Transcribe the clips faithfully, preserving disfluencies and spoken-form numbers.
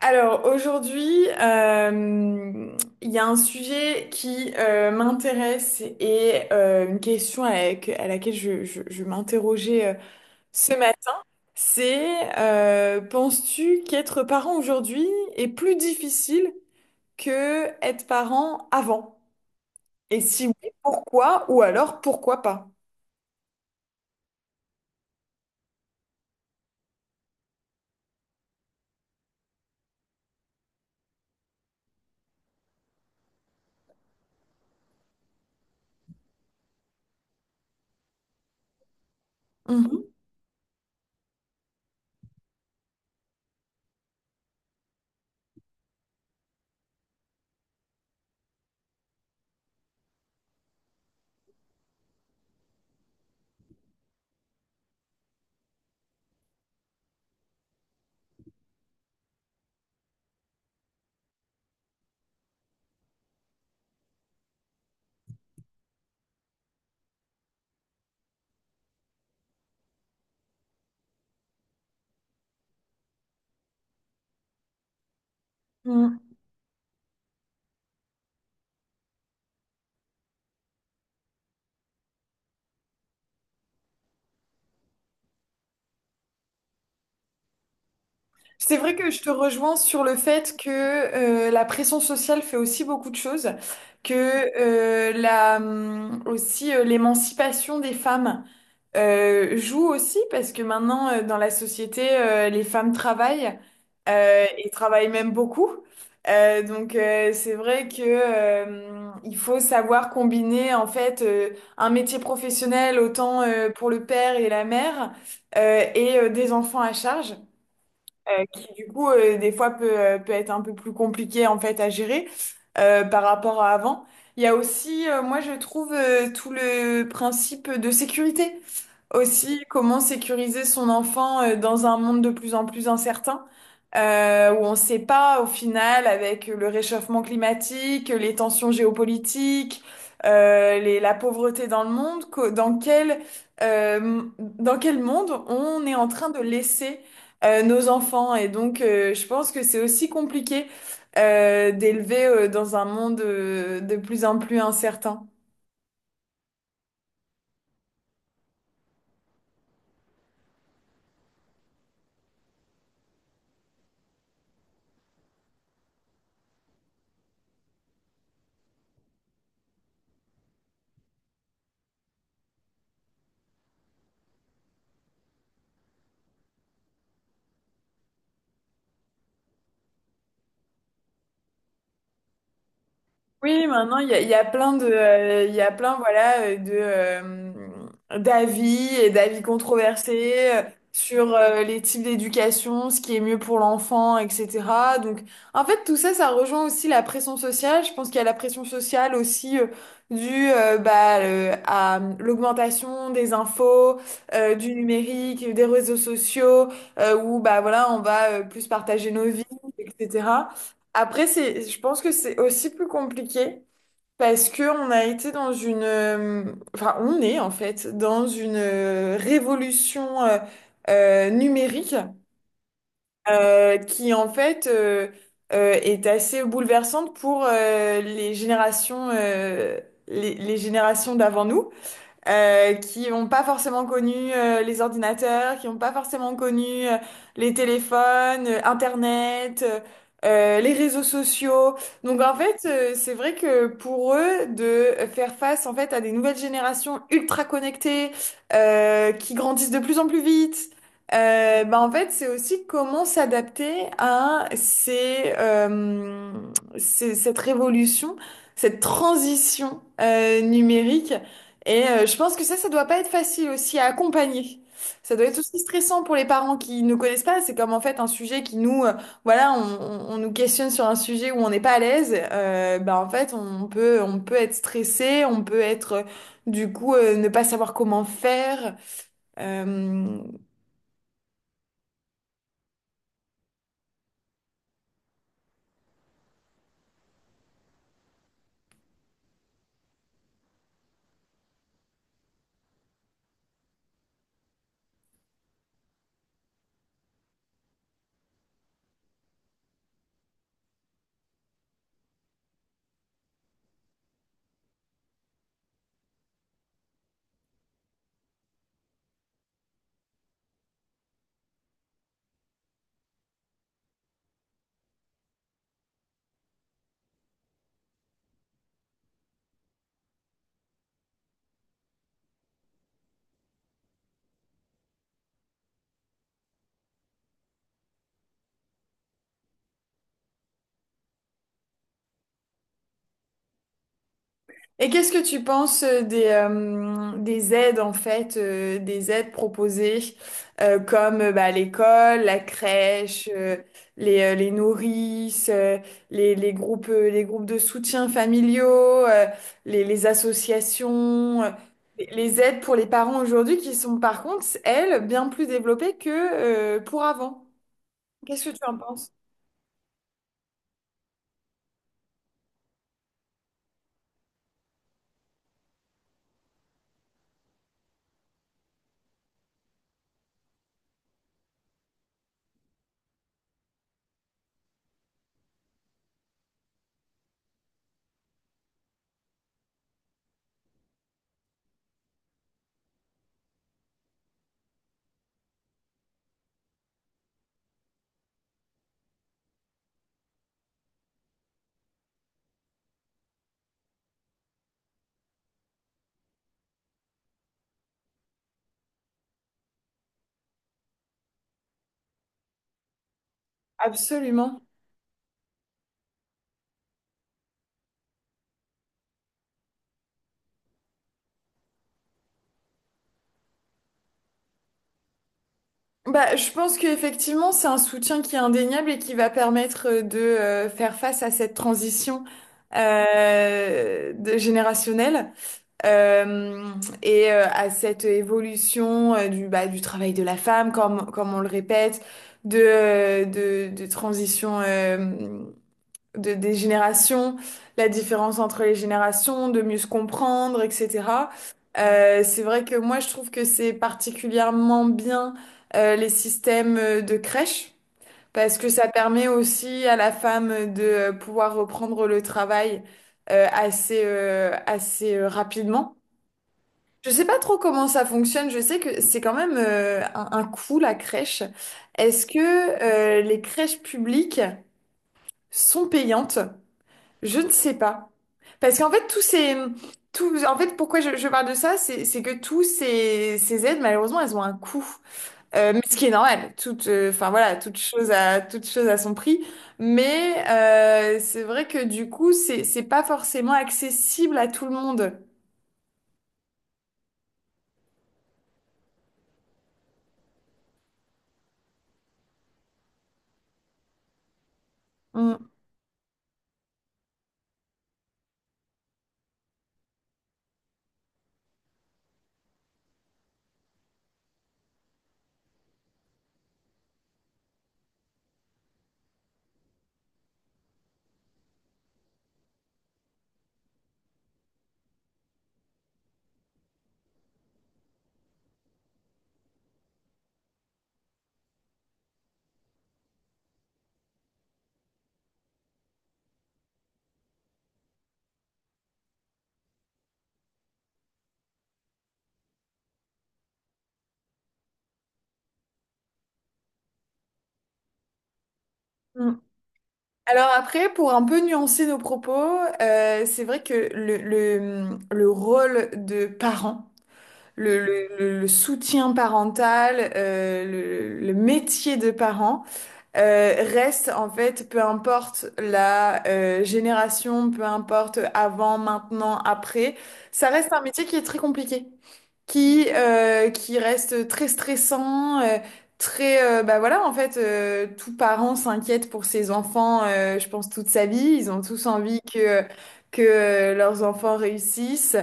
Alors aujourd'hui, euh, il y a un sujet qui euh, m'intéresse et euh, une question avec- à laquelle je, je- je m'interrogeais euh, ce matin. C'est, euh, Penses-tu qu'être parent aujourd'hui est plus difficile que être parent avant? Et si oui, pourquoi? Ou alors pourquoi pas? Mhm. C'est vrai que je te rejoins sur le fait que euh, la pression sociale fait aussi beaucoup de choses, que euh, la, hum, aussi euh, l'émancipation des femmes euh, joue aussi parce que maintenant euh, dans la société euh, les femmes travaillent euh, et travaillent même beaucoup. Euh, donc euh, c'est vrai que euh, il faut savoir combiner en fait euh, un métier professionnel autant euh, pour le père et la mère euh, et euh, des enfants à charge euh, qui du coup euh, des fois peut, euh, peut être un peu plus compliqué en fait à gérer euh, par rapport à avant. Il y a aussi, euh, moi je trouve, euh, tout le principe de sécurité. Aussi, comment sécuriser son enfant euh, dans un monde de plus en plus incertain, euh, où on ne sait pas au final avec le réchauffement climatique, les tensions géopolitiques, euh, les- la pauvreté dans le monde, co- dans quel, euh, dans quel monde on est en train de laisser euh, nos enfants. Et donc, euh, je pense que c'est aussi compliqué euh, d'élever euh, dans un monde euh, de plus en plus incertain. Oui, maintenant, il y a, il y a plein de, euh, il y a plein, voilà, euh, de, euh, d'avis et d'avis controversés euh, sur euh, les types d'éducation, ce qui est mieux pour l'enfant, et cætera. Donc, en fait, tout ça, ça rejoint aussi la pression sociale. Je pense qu'il y a la pression sociale aussi euh, due euh, bah, euh, à l'augmentation des infos, euh, du numérique, des réseaux sociaux, euh, où bah voilà, on va euh, plus partager nos vies, et cætera. Après, c'est, je pense que c'est aussi plus compliqué parce que on a été dans une, euh, enfin, on est en fait dans une euh, révolution euh, euh, numérique euh, qui en fait euh, euh, est assez bouleversante pour euh, les générations, euh, les, les générations d'avant nous euh, qui n'ont pas forcément connu euh, les ordinateurs, qui n'ont pas forcément connu euh, les téléphones, euh, Internet, euh, euh, les réseaux sociaux. Donc en fait, euh, c'est vrai que pour eux, de faire face en fait à des nouvelles générations ultra connectées, euh, qui grandissent de plus en plus vite. Euh, bah en fait, c'est aussi comment s'adapter à ces, euh, ces- cette révolution, cette transition euh, numérique. Et euh, je pense que ça, ça doit pas être facile aussi à accompagner. Ça doit être aussi stressant pour les parents qui ne connaissent pas. C'est comme en fait un sujet qui nous, euh, voilà, on, on- on nous questionne sur un sujet où on n'est pas à l'aise. Euh, bah en fait, on peut, on peut être stressé, on peut être euh, du coup euh, ne pas savoir comment faire. Euh, Et qu'est-ce que tu penses euh, des, euh, des aides, en fait, euh, des aides proposées euh, comme euh, bah, l'école, la crèche, euh, les, euh, les nourrices, euh, les, les groupes, euh, les groupes de soutien familiaux, euh, les, les associations, euh, les les aides pour les parents aujourd'hui qui sont par contre, elles, bien plus développées que euh, pour avant. Qu'est-ce que tu en penses? Absolument. Bah, je pense qu'effectivement, c'est un soutien qui est indéniable et qui va permettre euh, de euh, faire face à cette transition euh, de- générationnelle euh, et euh, à cette évolution euh, du, bah, du travail de la femme, comme, comme on le répète, de, euh, de, de transition. Euh, de, des générations, la différence entre les générations, de mieux se comprendre, et cætera. Euh, c'est vrai que moi, je trouve que c'est particulièrement bien euh, les systèmes euh, de crèche, parce que ça permet aussi à la femme de euh, pouvoir reprendre le travail euh, assez, euh, assez euh, rapidement. Je sais pas trop comment ça fonctionne, je sais que c'est quand même euh, un, un coût la crèche. Est-ce que euh, les crèches publiques sont payantes? Je ne sais pas. Parce qu'en fait, tous ces, tous, en fait, pourquoi je, je parle de ça, c'est, c'est que tous ces, ces aides, malheureusement, elles ont un coût. Euh, mais ce qui est normal. Toute, euh, enfin voilà, toute chose à, toute chose à son prix. Mais euh, c'est vrai que du coup, c'est, c'est pas forcément accessible à tout le monde. Mm, mm. Alors après, pour un peu nuancer nos propos, euh, c'est vrai que le, le, le rôle de parent, le, le, le- le soutien parental, euh, le, le métier de parent. Euh, reste en fait, peu importe la euh, génération, peu importe avant, maintenant, après, ça reste un métier qui est très compliqué, qui euh, qui reste très stressant, euh, très euh, bah voilà en fait, euh, tout parent s'inquiète pour ses enfants, euh, je pense toute sa vie, ils ont tous envie que que euh, leurs enfants réussissent,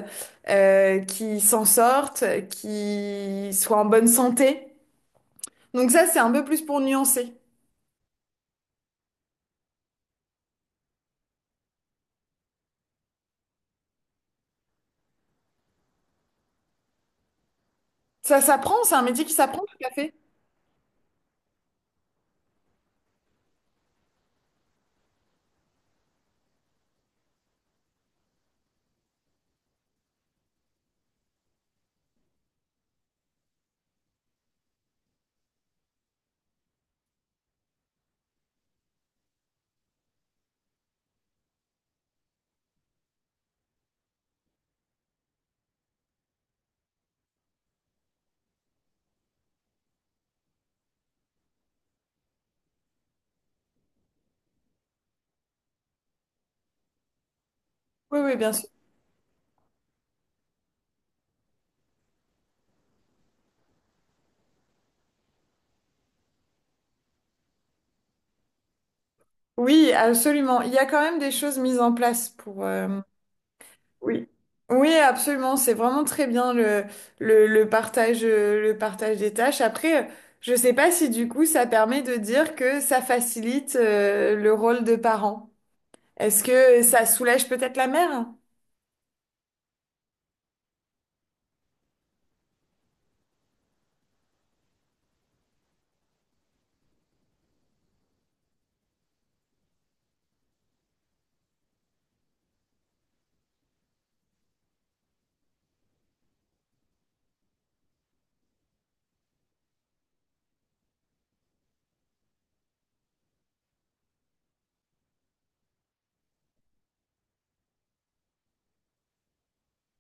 euh, qu'ils s'en sortent, qu'ils soient en bonne santé. Donc ça, c'est un peu plus pour nuancer. Ça s'apprend, c'est un métier qui s'apprend, tout à fait. Oui, oui, bien sûr. Oui, absolument. Il y a quand même des choses mises en place pour... euh, Oui. Oui, absolument. C'est vraiment très bien le, le, le partage, euh, le partage des tâches. Après, euh, je sais pas si du coup, ça permet de dire que ça facilite euh, le rôle de parent. Est-ce que ça soulage peut-être la mère?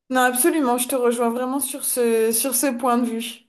Non, absolument. Je te rejoins vraiment sur ce, sur ce point de vue.